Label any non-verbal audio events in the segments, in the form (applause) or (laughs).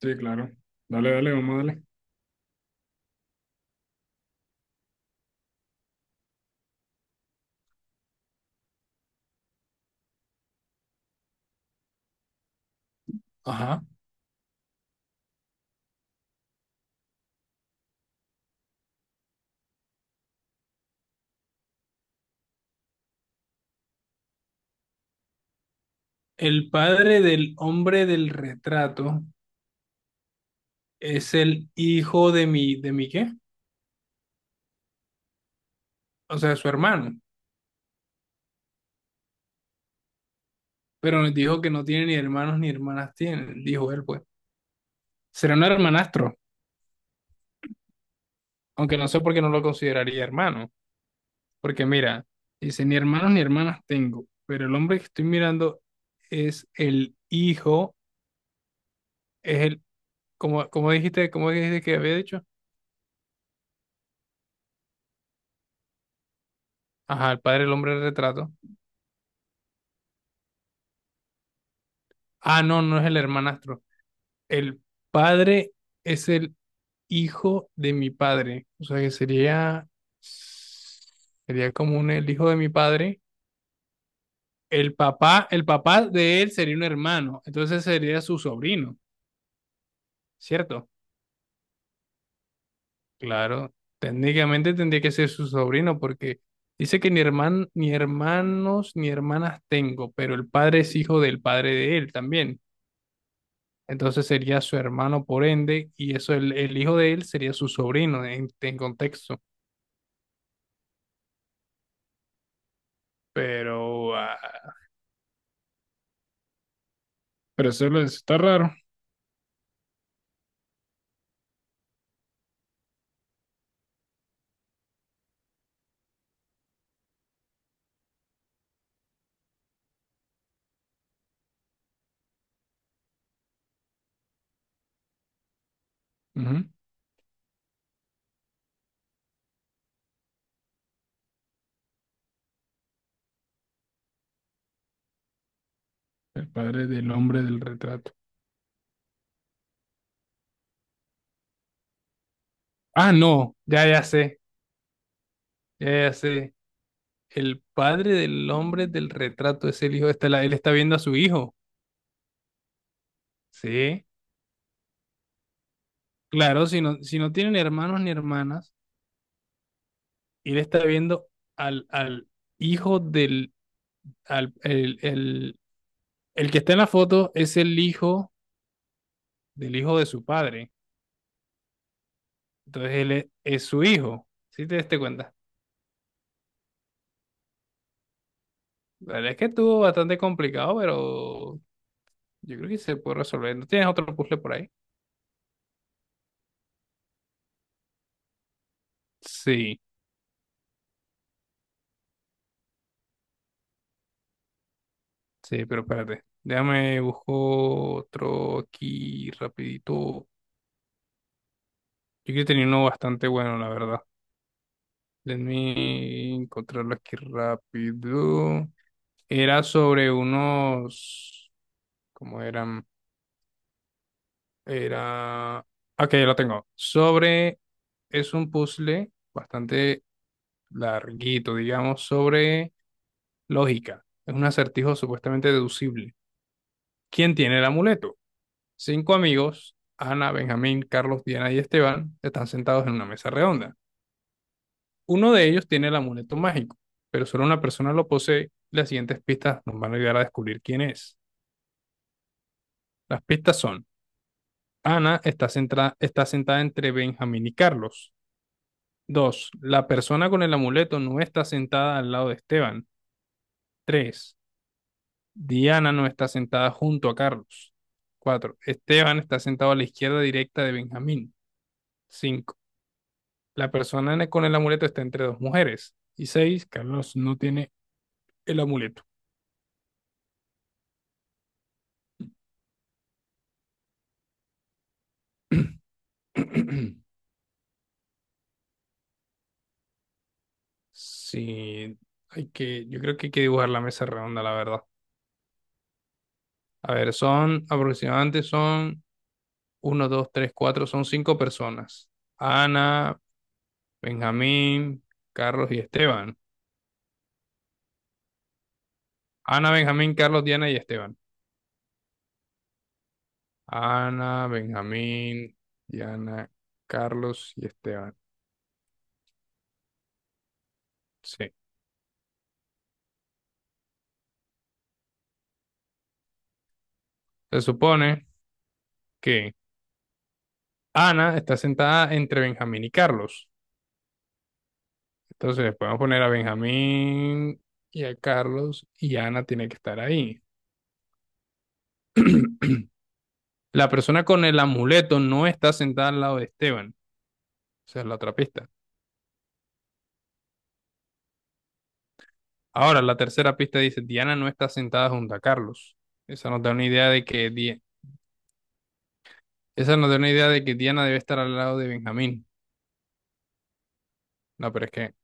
Sí, claro. Dale, dale, vamos a darle. Ajá. El padre del hombre del retrato es el hijo ¿de mi qué? O sea, su hermano. Pero nos dijo que no tiene ni hermanos ni hermanas tiene, dijo él, pues. Será un hermanastro, aunque no sé por qué no lo consideraría hermano. Porque mira, dice, ni hermanos ni hermanas tengo, pero el hombre que estoy mirando es el hijo, es el, como, como dijiste, ¿como dijiste que había dicho? Ajá, el padre del hombre del retrato. Ah, no, no es el hermanastro. El padre es el hijo de mi padre. O sea que sería, sería como un, el hijo de mi padre. El papá de él sería un hermano. Entonces sería su sobrino, ¿cierto? Claro, técnicamente tendría que ser su sobrino porque dice que ni herman-, ni hermanos ni hermanas tengo, pero el padre es hijo del padre de él también. Entonces sería su hermano por ende, y eso el hijo de él sería su sobrino en contexto. Pero, ah, pero solo es- está raro. Ujú. El padre del hombre del retrato. Ah, no, ya, ya sé, ya, ya sé. El padre del hombre del retrato es el hijo, está la- él está viendo a su hijo. Sí, claro, si no, si no tienen hermanos ni hermanas, él está viendo al, al hijo del, al, el que está en la foto es el hijo del hijo de su padre. Entonces él es su hijo. ¿Sí te diste cuenta? La verdad es que estuvo bastante complicado, pero yo creo que se puede resolver. ¿No tienes otro puzzle por ahí? Sí, sí, pero espérate. Déjame busco otro aquí rapidito. Yo creo que tenía uno bastante bueno, la verdad. Déjame encontrarlo aquí rápido. Era sobre unos... ¿Cómo eran? Era... Ok, ya lo tengo. Sobre... Es un puzzle bastante larguito, digamos, sobre lógica. Es un acertijo supuestamente deducible. ¿Quién tiene el amuleto? Cinco amigos, Ana, Benjamín, Carlos, Diana y Esteban, están sentados en una mesa redonda. Uno de ellos tiene el amuleto mágico, pero solo una persona lo posee. Las siguientes pistas nos van a ayudar a descubrir quién es. Las pistas son, Ana está, centra- está sentada entre Benjamín y Carlos. Dos, la persona con el amuleto no está sentada al lado de Esteban. Tres, Diana no está sentada junto a Carlos. 4. Esteban está sentado a la izquierda directa de Benjamín. 5. La persona con el amuleto está entre dos mujeres. Y 6. Carlos no tiene el amuleto. (clears throat) (coughs) Sí, hay que, yo creo que hay que dibujar la mesa redonda, la verdad. A ver, son aproximadamente son uno, 2, 3, 4, son cinco personas. Ana, Benjamín, Carlos y Esteban. Ana, Benjamín, Carlos, Diana y Esteban. Ana, Benjamín, Diana, Carlos y Esteban. Sí. Se supone que Ana está sentada entre Benjamín y Carlos. Entonces podemos poner a Benjamín y a Carlos y Ana tiene que estar ahí. La persona con el amuleto no está sentada al lado de Esteban. Esa es la otra pista. Ahora, la tercera pista dice, Diana no está sentada junto a Carlos. Esa nos da una idea de que Di-, esa nos da una idea de que Diana debe estar al lado de Benjamín. No,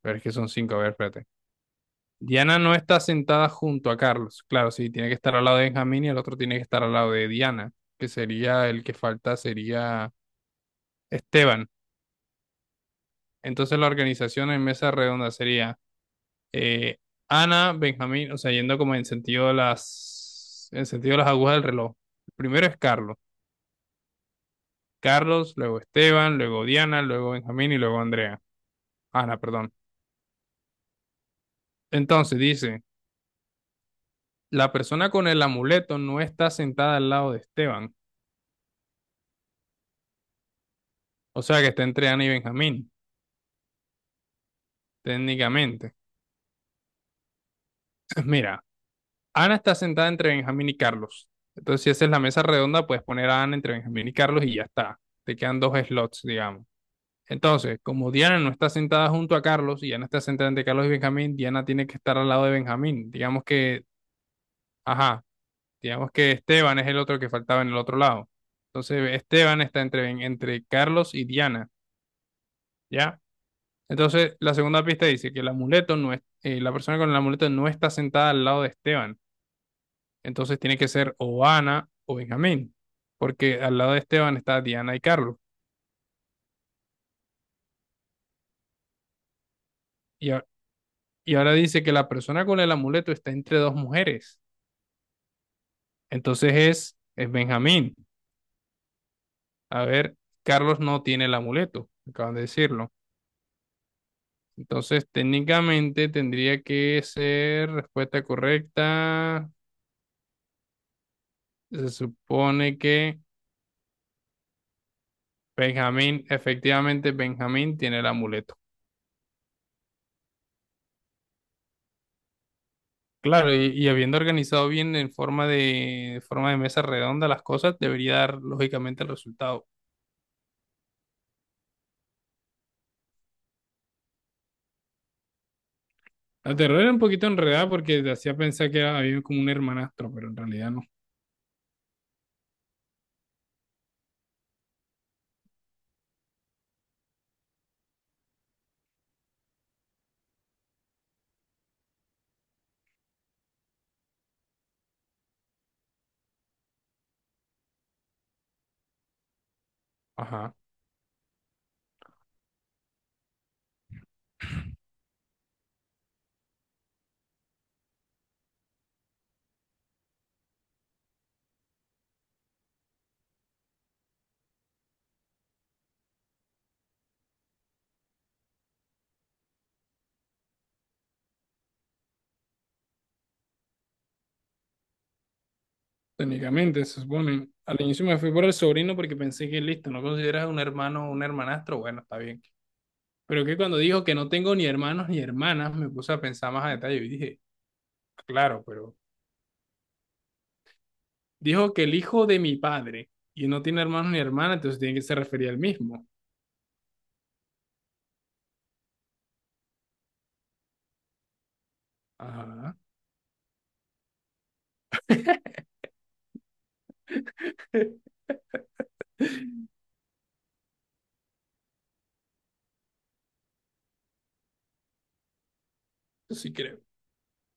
pero es que son cinco. A ver, espérate. Diana no está sentada junto a Carlos. Claro, sí, tiene que estar al lado de Benjamín y el otro tiene que estar al lado de Diana, que sería el que falta, sería Esteban. Entonces la organización en mesa redonda sería eh, Ana, Benjamín, o sea, yendo como en sentido de las, en sentido de las agujas del reloj. Primero es Carlos. Carlos, luego Esteban, luego Diana, luego Benjamín y luego Andrea. Ana, perdón. Entonces dice, la persona con el amuleto no está sentada al lado de Esteban, o sea que está entre Ana y Benjamín. Técnicamente. (clears throat) (laughs) Mira, Ana está sentada entre Benjamín y Carlos. Entonces, si esa es la mesa redonda, puedes poner a Ana entre Benjamín y Carlos y ya está. Te quedan dos slots, digamos. Entonces, como Diana no está sentada junto a Carlos y Ana está sentada entre Carlos y Benjamín, Diana tiene que estar al lado de Benjamín. Digamos que, ajá, digamos que Esteban es el otro que faltaba en el otro lado. Entonces, Esteban está entre, entre Carlos y Diana, ¿ya? Entonces, la segunda pista dice que el amuleto no es, la persona con el amuleto no está sentada al lado de Esteban. Entonces tiene que ser o Ana o Benjamín, porque al lado de Esteban está Diana y Carlos. Y, a- y ahora dice que la persona con el amuleto está entre dos mujeres. Entonces es Benjamín. A ver, Carlos no tiene el amuleto, acaban de decirlo. Entonces técnicamente tendría que ser respuesta correcta. Se supone que Benjamín, efectivamente Benjamín tiene el amuleto. Claro, y habiendo organizado bien en forma de forma de mesa redonda las cosas, debería dar lógicamente el resultado. La terror era un poquito enredada porque te hacía pensar que era- había como un hermanastro, pero en realidad no. Ajá. Técnicamente, se supone. Al inicio me fui por el sobrino porque pensé que listo, ¿no consideras un hermano o un hermanastro? Bueno, está bien. Pero que cuando dijo que no tengo ni hermanos ni hermanas, me puse a pensar más a detalle y dije, claro, pero dijo que el hijo de mi padre y no tiene hermanos ni hermanas, entonces tiene que se refería al mismo. Ajá. (laughs) Sí creo.